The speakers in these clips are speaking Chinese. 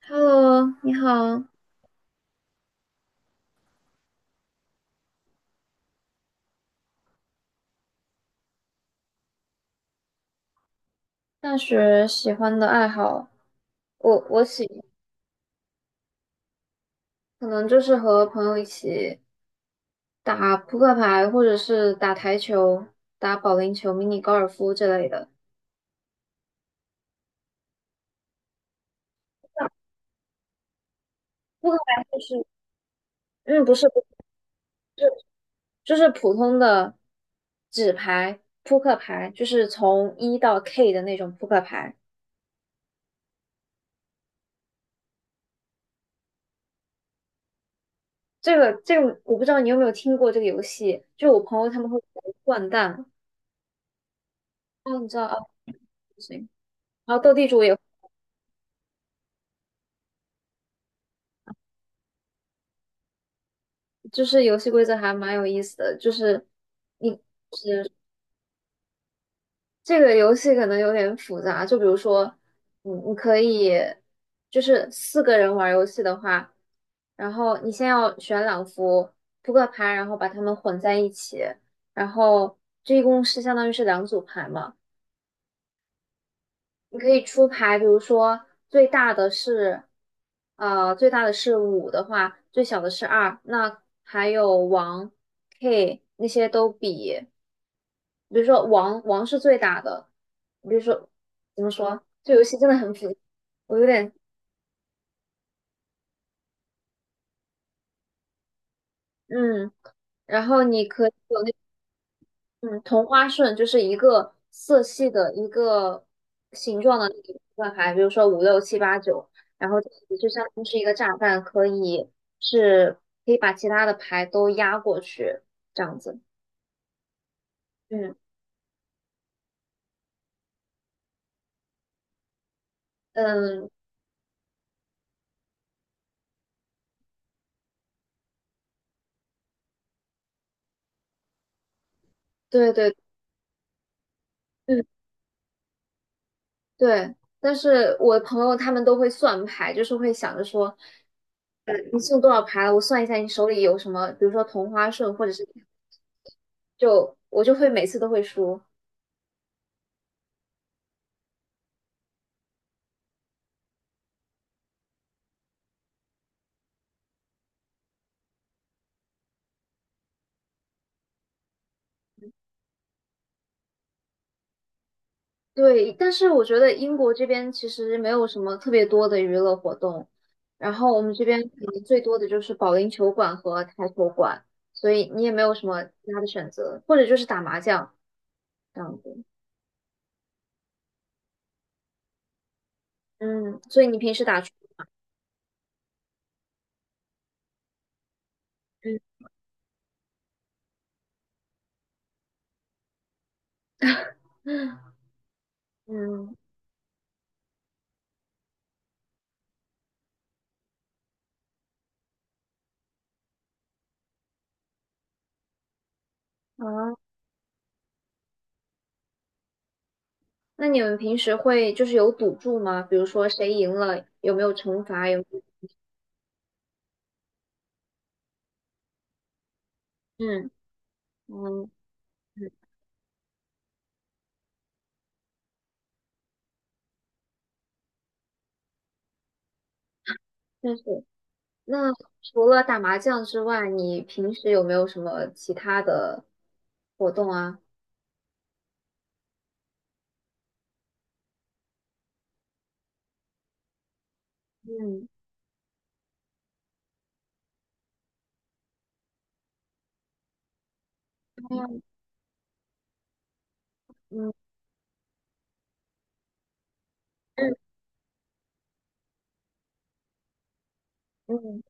Hello，你好。大学喜欢的爱好，我我喜可能就是和朋友一起打扑克牌，或者是打台球、打保龄球、迷你高尔夫之类的。扑克牌就是，嗯，不是不是，就是普通的纸牌扑克牌，就是从一到 K 的那种扑克牌。这个，我不知道你有没有听过这个游戏，就我朋友他们会玩掼蛋。哦，你知道啊。不行。然后斗地主也。就是游戏规则还蛮有意思的，就是你这个游戏可能有点复杂，就比如说，你可以就是四个人玩游戏的话，然后你先要选两副扑克牌，然后把它们混在一起，然后这一共是相当于是两组牌嘛。你可以出牌，比如说最大的是，最大的是五的话，最小的是二，那还有王、K 那些都比，比如说王王是最大的，比如说怎么说，这游戏真的很复杂。我有点嗯，然后你可以有那。嗯，同花顺就是一个色系的一个形状的那一个分牌，比如说五六七八九，然后这个就相当于是一个炸弹，可以是可以把其他的牌都压过去，这样子。嗯嗯，对对嗯对，但是我朋友他们都会算牌，就是会想着说，你剩多少牌了？我算一下你手里有什么，比如说同花顺或者是就我就会每次都会输。对，但是我觉得英国这边其实没有什么特别多的娱乐活动，然后我们这边可能最多的就是保龄球馆和台球馆，所以你也没有什么其他的选择，或者就是打麻将这样子。嗯，所以你平时打球，嗯嗯啊，那你们平时会就是有赌注吗？比如说谁赢了有没有惩罚？有没有嗯嗯，嗯确实。那除了打麻将之外，你平时有没有什么其他的活动啊？嗯嗯嗯嗯，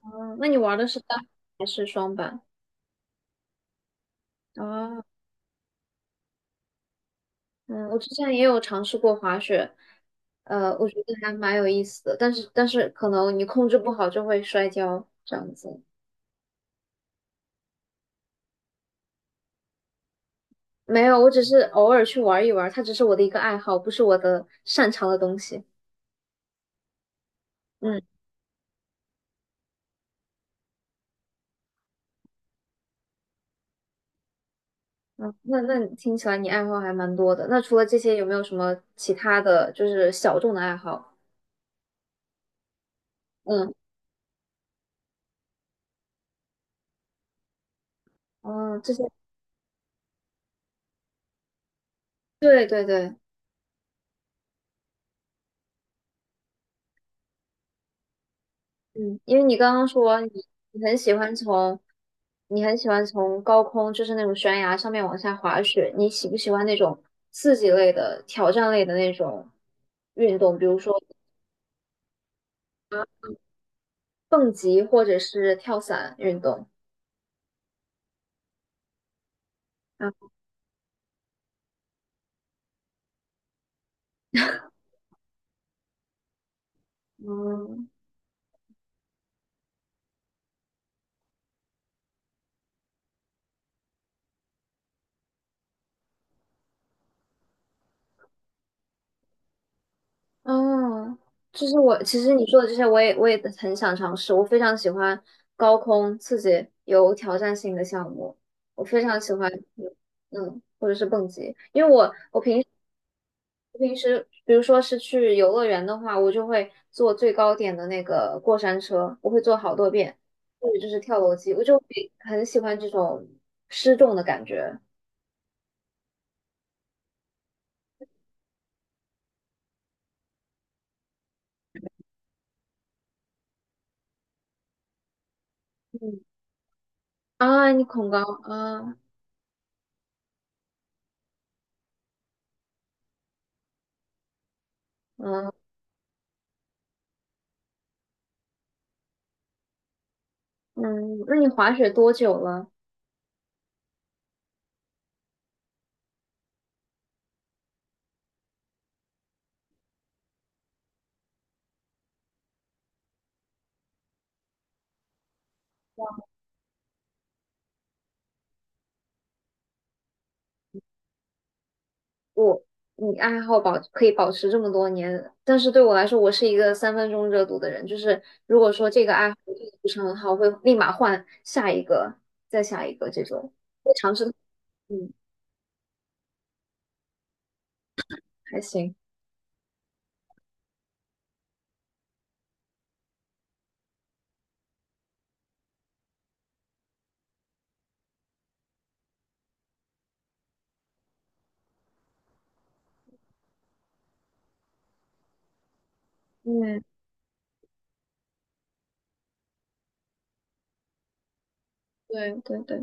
哦，那你玩的是单板还是双板？啊嗯，我之前也有尝试过滑雪，我觉得还蛮有意思的，但是可能你控制不好就会摔跤这样子。没有，我只是偶尔去玩一玩，它只是我的一个爱好，不是我的擅长的东西。嗯。嗯，那你听起来你爱好还蛮多的。那除了这些，有没有什么其他的就是小众的爱好？嗯，哦，这些，对对对，嗯，因为你刚刚说你很喜欢从你很喜欢从高空，就是那种悬崖上面往下滑雪，你喜不喜欢那种刺激类的、挑战类的那种运动，比如说蹦极或者是跳伞运动？啊，嗯。哦，就是我，其实你说的这些，我也很想尝试。我非常喜欢高空刺激、有挑战性的项目，我非常喜欢，或者是蹦极。因为我平时，比如说是去游乐园的话，我就会坐最高点的那个过山车，我会坐好多遍，或者就是跳楼机，我就会很喜欢这种失重的感觉。嗯啊，你恐高啊，嗯嗯，那你滑雪多久了？我你爱好可以保持这么多年，但是对我来说，我是一个三分钟热度的人，就是如果说这个爱好做得不是很好，会立马换下一个，再下一个这种，会尝试，嗯，还行，嗯，对对对，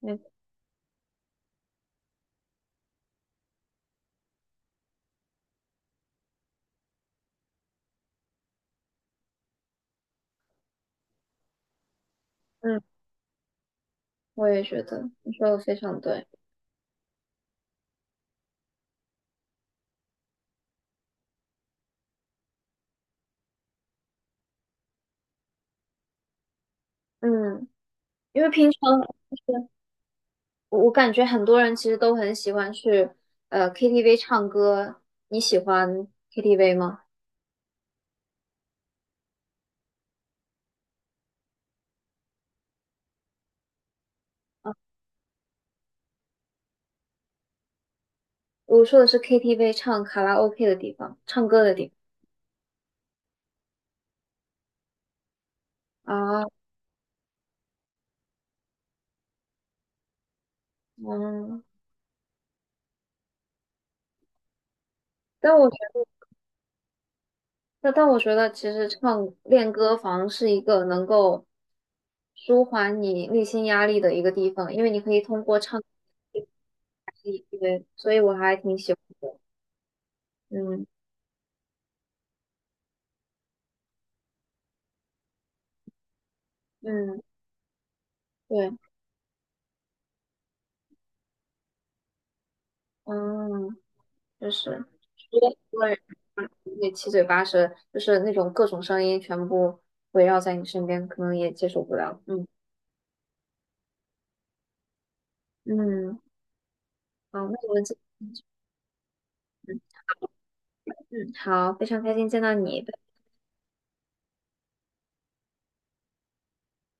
嗯嗯，我也觉得你说的非常对，嗯，因为平常就是我感觉很多人其实都很喜欢去KTV 唱歌，你喜欢 KTV 吗？我说的是 KTV 唱卡拉 OK 的地方，唱歌的地方啊，嗯，但我觉得，但我觉得，其实唱练歌房是一个能够舒缓你内心压力的一个地方，因为你可以通过唱对，所以我还挺喜欢的。嗯嗯，对，嗯，就是，因为很多对，也七嘴八舌，就是那种各种声音全部围绕在你身边，可能也接受不了。嗯嗯，好，那我们今。嗯，好，非常开心见到你。